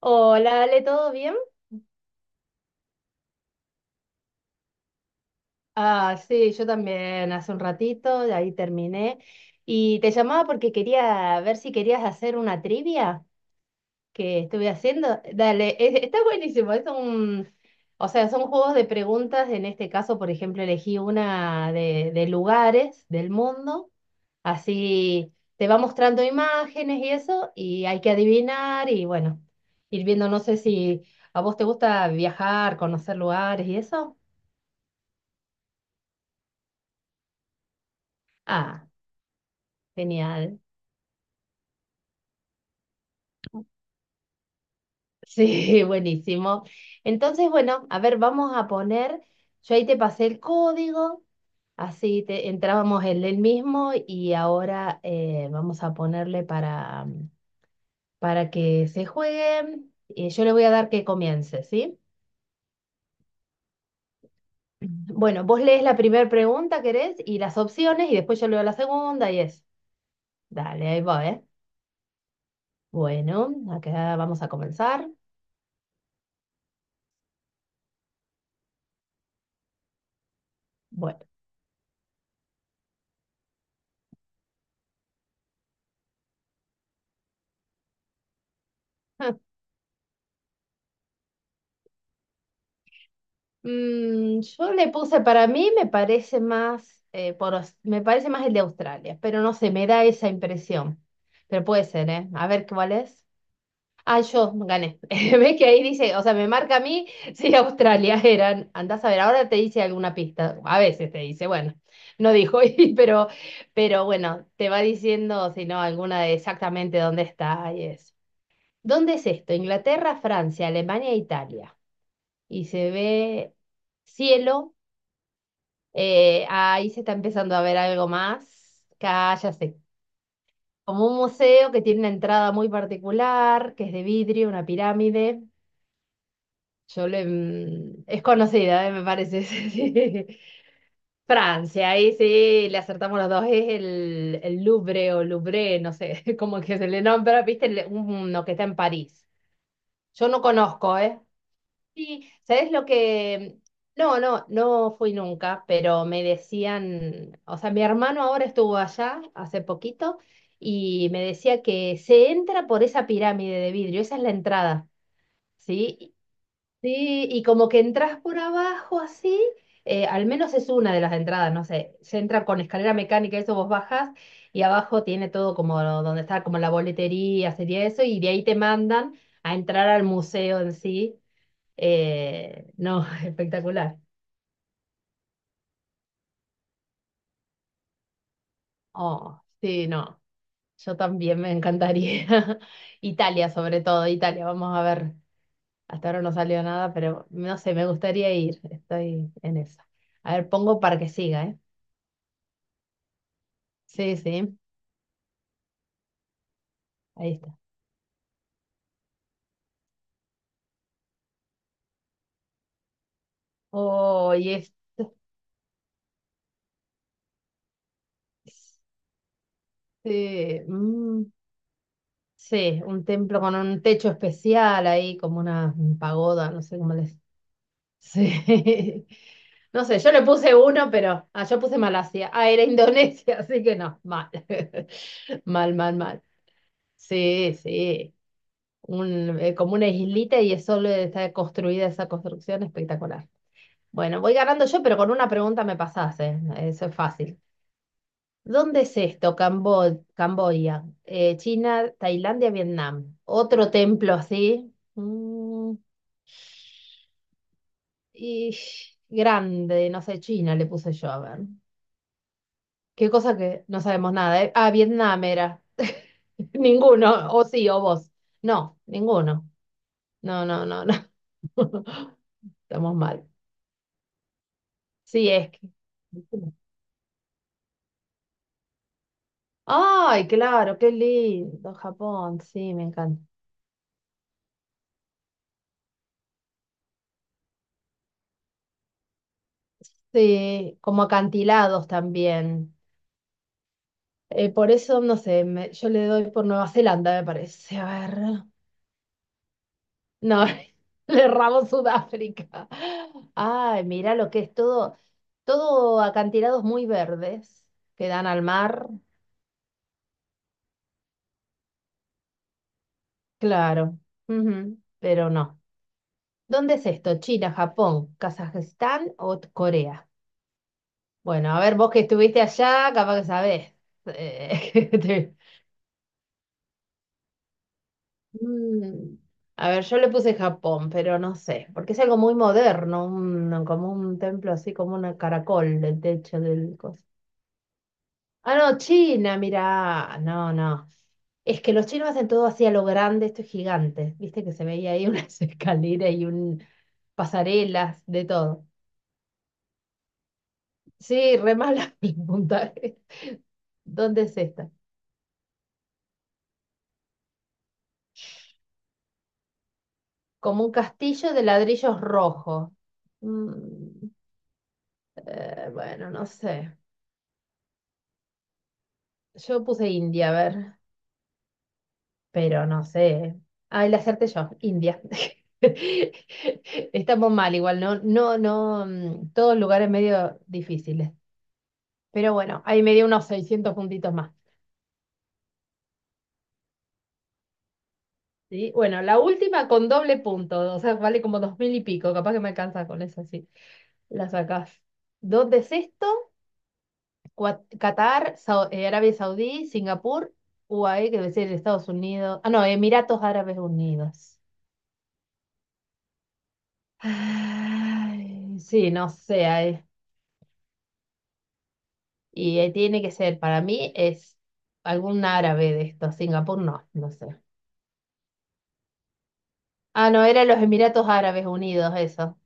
Hola, Ale, ¿todo bien? Ah, sí, yo también hace un ratito, de ahí terminé. Y te llamaba porque quería ver si querías hacer una trivia que estuve haciendo. Dale, está buenísimo. O sea, son juegos de preguntas. En este caso, por ejemplo, elegí una de lugares del mundo. Así te va mostrando imágenes y eso, y hay que adivinar y bueno, ir viendo, no sé si a vos te gusta viajar, conocer lugares y eso. Ah. Genial. Sí, buenísimo. Entonces, bueno, a ver, vamos a poner, yo ahí te pasé el código, así te, entrábamos en el mismo y ahora vamos a ponerle para que se juegue. Yo le voy a dar que comience, ¿sí? Bueno, vos lees la primera pregunta, ¿querés? Y las opciones y después yo leo la segunda y es. Dale, ahí va, ¿eh? Bueno, acá vamos a comenzar. Bueno. Yo le puse, para mí me parece más, me parece más el de Australia, pero no sé, me da esa impresión. Pero puede ser, ¿eh? A ver cuál es. Ah, yo gané. ¿Ves que ahí dice, o sea, me marca a mí si Australia eran. Andás a ver, ahora te dice alguna pista. A veces te dice, bueno, no dijo, pero bueno, te va diciendo, si no, alguna de exactamente dónde está y eso. ¿Dónde es esto? Inglaterra, Francia, Alemania, e Italia. Y se ve cielo ahí se está empezando a ver algo más. Acá como un museo que tiene una entrada muy particular, que es de vidrio, una pirámide. Yo le... es conocida, me parece. Sí. Francia, ahí sí, le acertamos los dos. Es el Louvre o Louvre, no sé como que se le nombra, viste, uno que está en París. Yo no conozco, ¿eh? Sí, ¿sabes lo que? No, no, no fui nunca, pero me decían, o sea, mi hermano ahora estuvo allá hace poquito y me decía que se entra por esa pirámide de vidrio, esa es la entrada, ¿sí? Sí, y como que entras por abajo así, al menos es una de las entradas, no sé, se entra con escalera mecánica, eso vos bajas y abajo tiene todo como donde está como la boletería, sería eso, y de ahí te mandan a entrar al museo en sí no, espectacular. Oh, sí, no, yo también me encantaría. Italia, sobre todo, Italia, vamos a ver. Hasta ahora no salió nada, pero no sé, me gustaría ir, estoy en eso. A ver, pongo para que siga, ¿eh? Sí, sí, ahí está. Oh, y es, sí, sí, un templo con un techo especial ahí, como una pagoda, no sé cómo les. Sí. No sé, yo le puse uno, pero yo puse Malasia. Ah, era Indonesia, así que no, mal. Mal, mal, mal. Sí, sí. Como una islita y es solo está construida esa construcción espectacular. Bueno, voy ganando yo, pero con una pregunta me pasaste. Eso es fácil. ¿Dónde es esto? Camboya, China, Tailandia, Vietnam. Otro templo así. Y grande, no sé, China le puse yo, a ver. Qué cosa que no sabemos nada, ¿eh? Ah, Vietnam era. Ninguno, o sí, o vos. No, ninguno. No, no, no, no. Estamos mal. Sí, es que. Ay, claro, qué lindo, Japón, sí, me encanta. Sí, como acantilados también. Por eso, no sé, yo le doy por Nueva Zelanda, me parece. A ver. No, le erramos Sudáfrica. Ay, mira lo que es todo, acantilados muy verdes que dan al mar. Claro, ujú, pero no. ¿Dónde es esto? ¿China, Japón, Kazajistán o Corea? Bueno, a ver, vos que estuviste allá, capaz que sabés. Eh, te- Mm, A ver, yo le puse Japón, pero no sé, porque es algo muy moderno, como un templo así como un caracol, el techo del coso. Ah, no, China, mira, no, no. Es que los chinos hacen todo así a lo grande, esto es gigante. Viste que se veía ahí unas escaleras y un pasarelas, de todo. Sí, re mala el puntaje. ¿Dónde es esta? Como un castillo de ladrillos rojos. Mm, bueno, no sé. Yo puse India, a ver. Pero no sé. Ah, el hacerte yo, India. Estamos mal igual, ¿no? No, no, todos lugares medio difíciles. Pero bueno, ahí me dio unos 600 puntitos más. ¿Sí? Bueno, la última con doble punto, o sea, vale como 2000 y pico, capaz que me alcanza con eso, sí. La sacás. Dos de sexto, Qatar, Arabia Saudí, Singapur, UAE, que debe ser Estados Unidos. Ah, no, Emiratos Árabes Unidos. Ay, sí, no sé. Ay. Y tiene que ser, para mí es algún árabe de estos. Singapur no, no sé. Ah, no, eran los Emiratos Árabes Unidos, eso.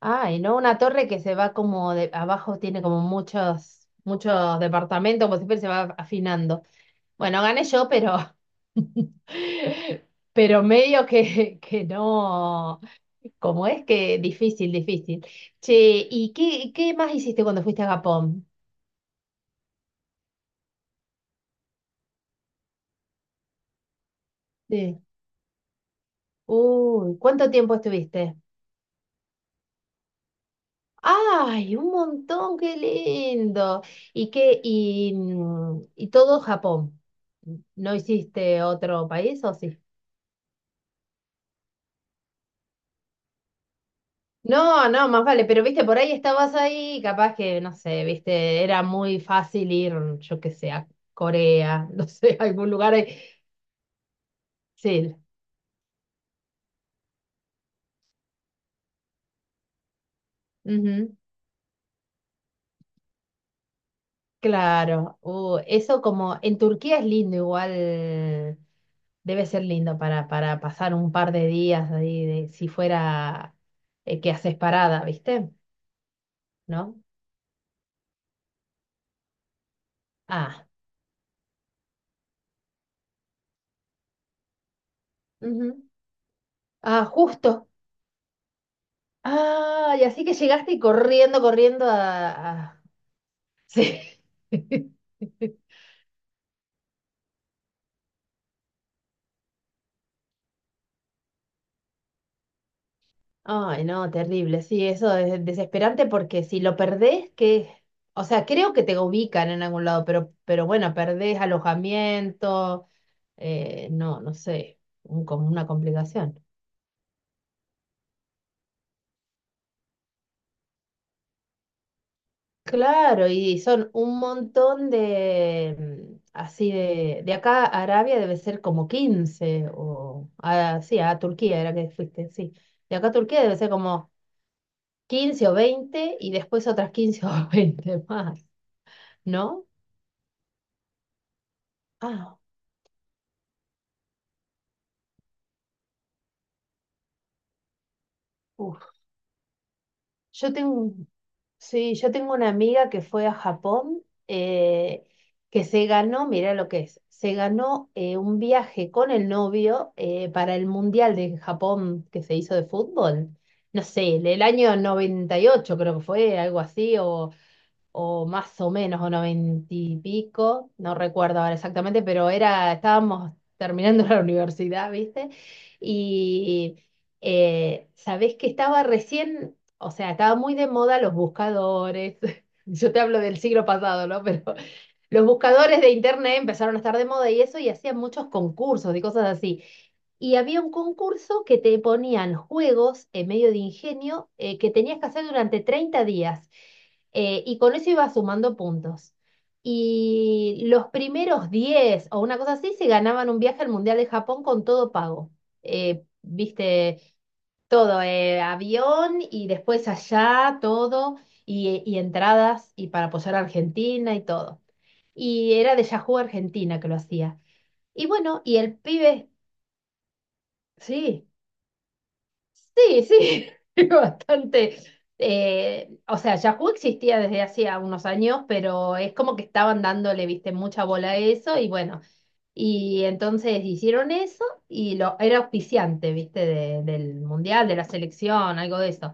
Ah, y no una torre que se va como de abajo, tiene como muchos, muchos departamentos, como siempre se va afinando. Bueno, gané yo, pero, pero medio que, no, como es que difícil, difícil. Che, ¿y qué más hiciste cuando fuiste a Japón? Sí. Uy, ¿cuánto tiempo estuviste? Ay, un montón, qué lindo. ¿Y qué? Y todo Japón. ¿No hiciste otro país o sí? No, no, más vale, pero viste, por ahí estabas ahí, capaz que, no sé, viste, era muy fácil ir, yo qué sé, a Corea, no sé, a algún lugar ahí. Sí, ujú, claro. Eso como, en Turquía es lindo igual, debe ser lindo para, pasar un par de días ahí, de, si fuera que haces parada, ¿viste? ¿No? Ah, ujú. Ah, justo. Ah, y así que llegaste corriendo, corriendo a... Sí. Ay, no, terrible. Sí, eso es desesperante porque si lo perdés, que... O sea, creo que te ubican en algún lado, pero, bueno, perdés alojamiento, no, no sé, como una complicación. Claro, y son un montón de, así de acá a Arabia debe ser como 15 o a, sí, a Turquía era que fuiste, sí. De acá a Turquía debe ser como 15 o 20 y después otras 15 o 20 más, ¿no? Ah, uf. Yo tengo, sí, yo tengo una amiga que fue a Japón, eh, que se ganó, mira lo que es, se ganó un viaje con el novio para el Mundial de Japón que se hizo de fútbol. No sé, el año 98, creo que fue, algo así, o más o menos, o noventa y pico, no recuerdo ahora exactamente, pero era, estábamos terminando la universidad, ¿viste? Y sabés que estaba recién, o sea, estaba muy de moda los buscadores. Yo te hablo del siglo pasado, ¿no? Pero los buscadores de internet empezaron a estar de moda y eso, y hacían muchos concursos y cosas así. Y había un concurso que te ponían juegos en medio de ingenio que tenías que hacer durante 30 días. Y con eso ibas sumando puntos. Y los primeros 10 o una cosa así se ganaban un viaje al Mundial de Japón con todo pago. Viste, todo, avión y después allá, todo, y entradas y para apoyar a Argentina y todo. Y era de Yahoo Argentina que lo hacía. Y bueno, y el pibe, sí. Sí, sí, bastante. O sea, Yahoo existía desde hacía unos años, pero es como que estaban dándole, viste, mucha bola a eso y bueno, y entonces hicieron eso y lo, era auspiciante, viste, del mundial, de la selección, algo de eso.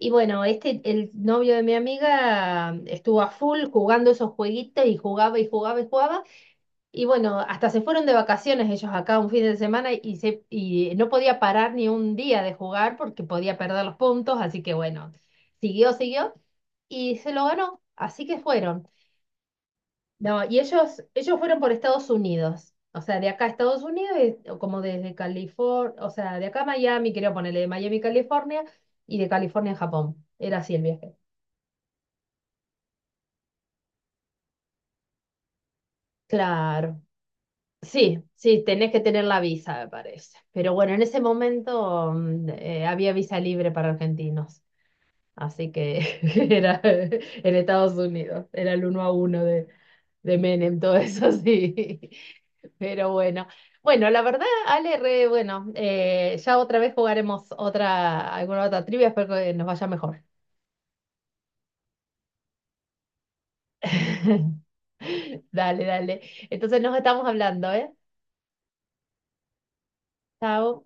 Y bueno, este, el novio de mi amiga estuvo a full jugando esos jueguitos y jugaba y jugaba y jugaba. Y bueno, hasta se fueron de vacaciones ellos acá un fin de semana y, y no podía parar ni un día de jugar porque podía perder los puntos, así que bueno, siguió, siguió y se lo ganó, así que fueron. No, y ellos fueron por Estados Unidos, o sea, de acá a Estados Unidos, o como desde California, o sea, de acá a Miami, quería ponerle de Miami, California, y de California a Japón, era así el viaje. Claro. Sí, sí, tenés que tener la visa, me parece. Pero bueno, en ese momento había visa libre para argentinos, así que era en Estados Unidos, era el uno a uno de, Menem, todo eso sí. Pero bueno, bueno, la verdad, Ale, re, bueno, ya otra vez jugaremos otra, alguna otra trivia, espero que nos vaya mejor. Dale, dale. Entonces nos estamos hablando, ¿eh? Chao.